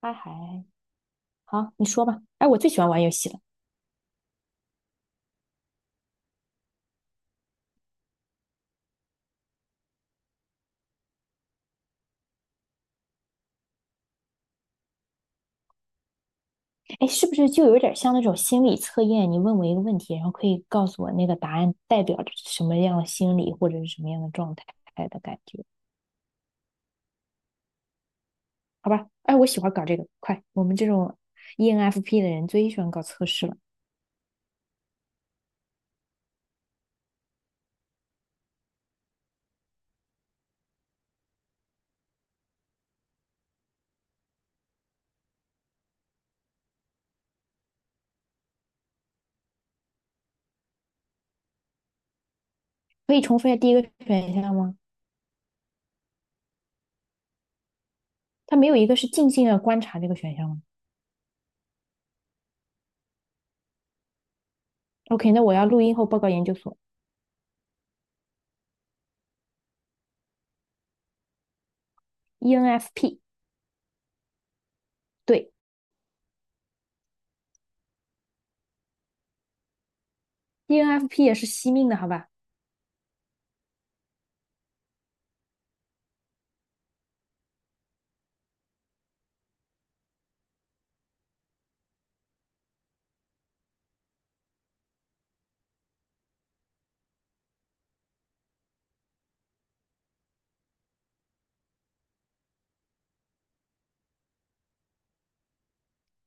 他还好，你说吧。哎，我最喜欢玩游戏了。哎，是不是就有点像那种心理测验？你问我一个问题，然后可以告诉我那个答案代表着什么样的心理或者是什么样的状态的感觉？好吧。哎，我喜欢搞这个。快，我们这种 ENFP 的人最喜欢搞测试了。可以重复一下第一个选项吗？它没有一个是静静的观察这个选项吗？OK,那我要录音后报告研究所。ENFP,对，ENFP 也是惜命的，好吧？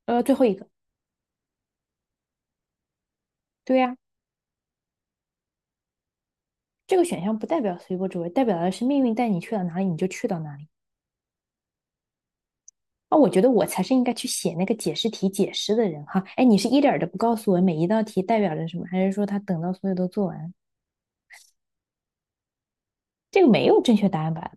最后一个，对呀、这个选项不代表随波逐流，代表的是命运带你去到哪里你就去到哪里。啊，我觉得我才是应该去写那个解释题解释的人哈。哎，你是一点儿都不告诉我每一道题代表着什么，还是说他等到所有都做完？这个没有正确答案吧？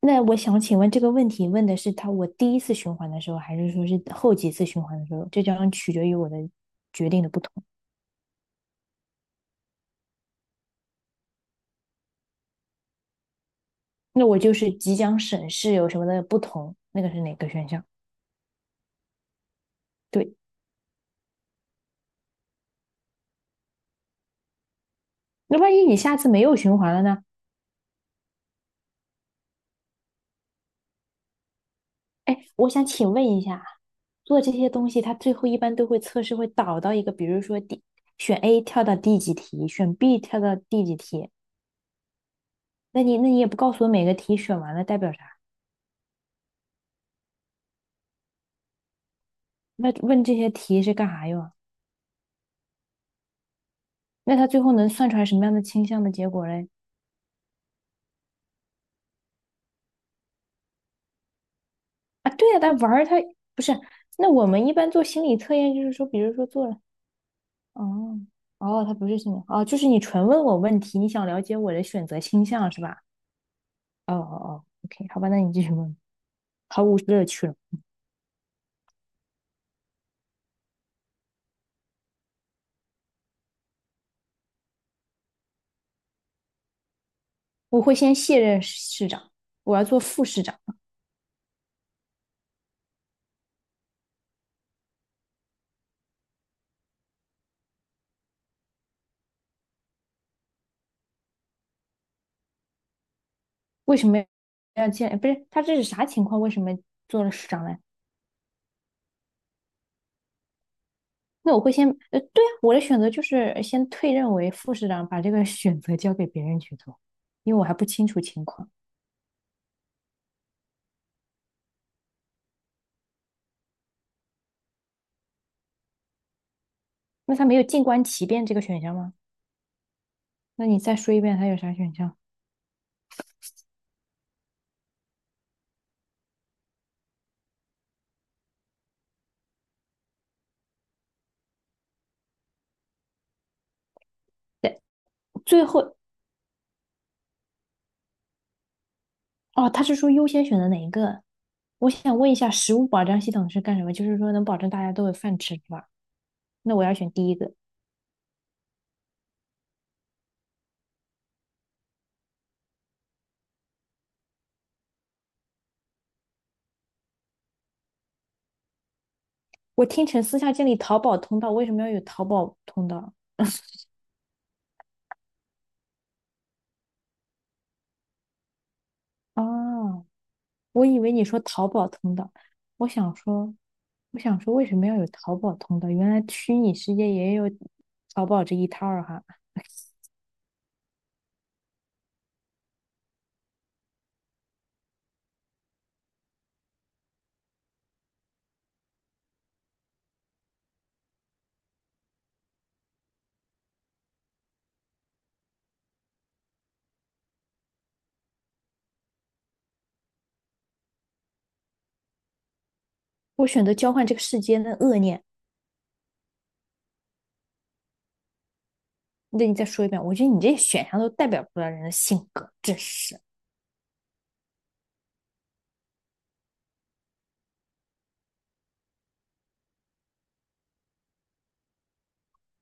那我想请问这个问题问的是他我第一次循环的时候，还是说是后几次循环的时候？这将取决于我的决定的不同。那我就是即将审视有什么的不同，那个是哪个选项？对，那万一你下次没有循环了呢？哎，我想请问一下，做这些东西，它最后一般都会测试会导到一个，比如说第选 A 跳到第几题，选 B 跳到第几题。那你也不告诉我每个题选完了代表啥？那问这些题是干啥用啊？那他最后能算出来什么样的倾向的结果嘞？啊，对呀、啊但玩儿他不是。那我们一般做心理测验，就是说，比如说做了，哦哦，他不是心理，哦，就是你纯问我问题，你想了解我的选择倾向是吧？哦哦哦，OK,好吧，那你继续问，毫无乐趣了。我会先卸任市长，我要做副市长。为什么要见？不是，他这是啥情况？为什么做了市长呢？那我会先，对啊，我的选择就是先退任为副市长，把这个选择交给别人去做，因为我还不清楚情况。那他没有静观其变这个选项吗？那你再说一遍，他有啥选项？最后，哦，他是说优先选择哪一个？我想问一下，食物保障系统是干什么？就是说能保证大家都有饭吃，是吧？那我要选第一个。我听成私下建立淘宝通道，为什么要有淘宝通道？啊？我以为你说淘宝通道，我想说，我想说为什么要有淘宝通道？原来虚拟世界也有淘宝这一套儿哈。我选择交换这个世间的恶念。那你再说一遍，我觉得你这选项都代表不了人的性格，真是。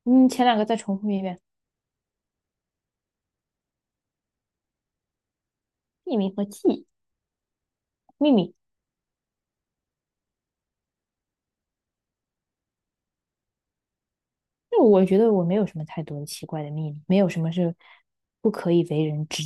嗯，前两个再重复一遍，秘密和记忆秘密，那我觉得我没有什么太多的奇怪的秘密，没有什么是不可以为人知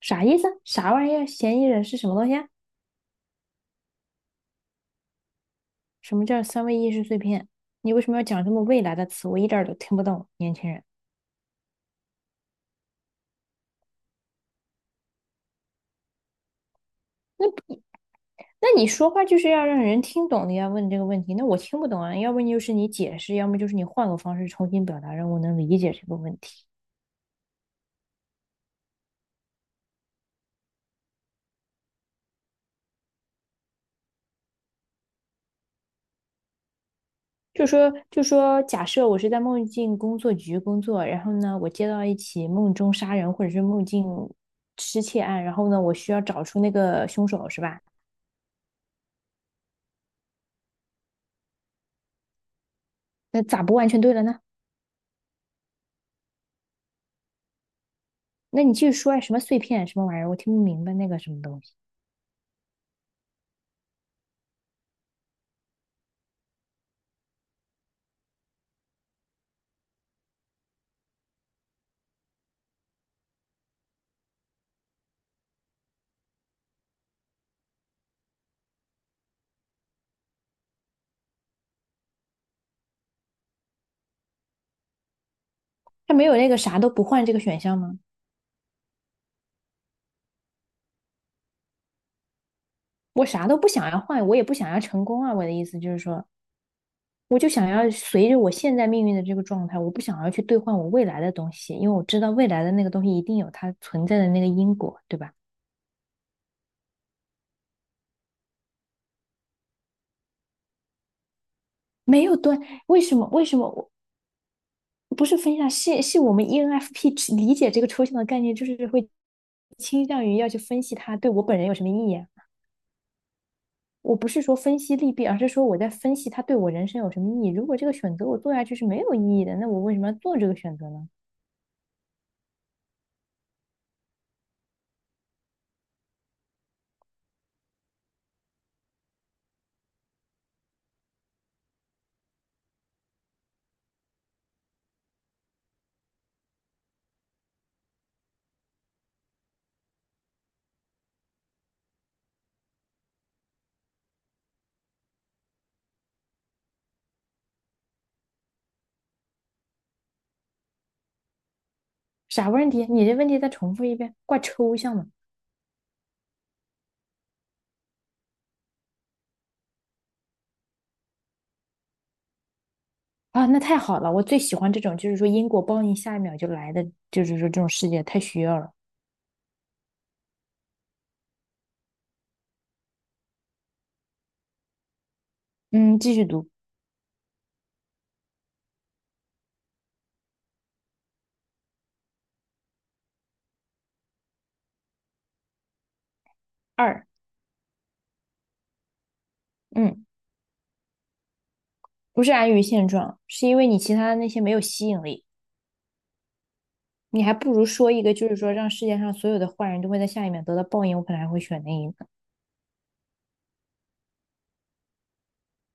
啥意思？啥玩意儿？嫌疑人是什么东西啊什么叫三维意识碎片？你为什么要讲这么未来的词？我一点儿都听不懂，年轻人。那你说话就是要让人听懂的呀，要问这个问题，那我听不懂啊。要不然就是你解释，要么就是你换个方式重新表达，让我能理解这个问题。就说就说，假设我是在梦境工作局工作，然后呢，我接到一起梦中杀人或者是梦境失窃案，然后呢，我需要找出那个凶手，是吧？那咋不完全对了呢？那你继续说呀，什么碎片什么玩意儿，我听不明白那个什么东西。它没有那个啥都不换这个选项吗？我啥都不想要换，我也不想要成功啊。我的意思就是说，我就想要随着我现在命运的这个状态，我不想要去兑换我未来的东西，因为我知道未来的那个东西一定有它存在的那个因果，对吧？没有断，为什么？为什么我不是分享？是我们 ENFP 理解这个抽象的概念，就是会倾向于要去分析它对我本人有什么意义啊。我不是说分析利弊，而是说我在分析它对我人生有什么意义。如果这个选择我做下去是没有意义的，那我为什么要做这个选择呢？啥问题？你这问题再重复一遍，怪抽象的啊！那太好了，我最喜欢这种，就是说因果报应下一秒就来的，就是说这种世界太需要了。嗯，继续读二，嗯，不是安于现状，是因为你其他的那些没有吸引力，你还不如说一个，就是说让世界上所有的坏人都会在下一秒得到报应，我可能还会选那一个。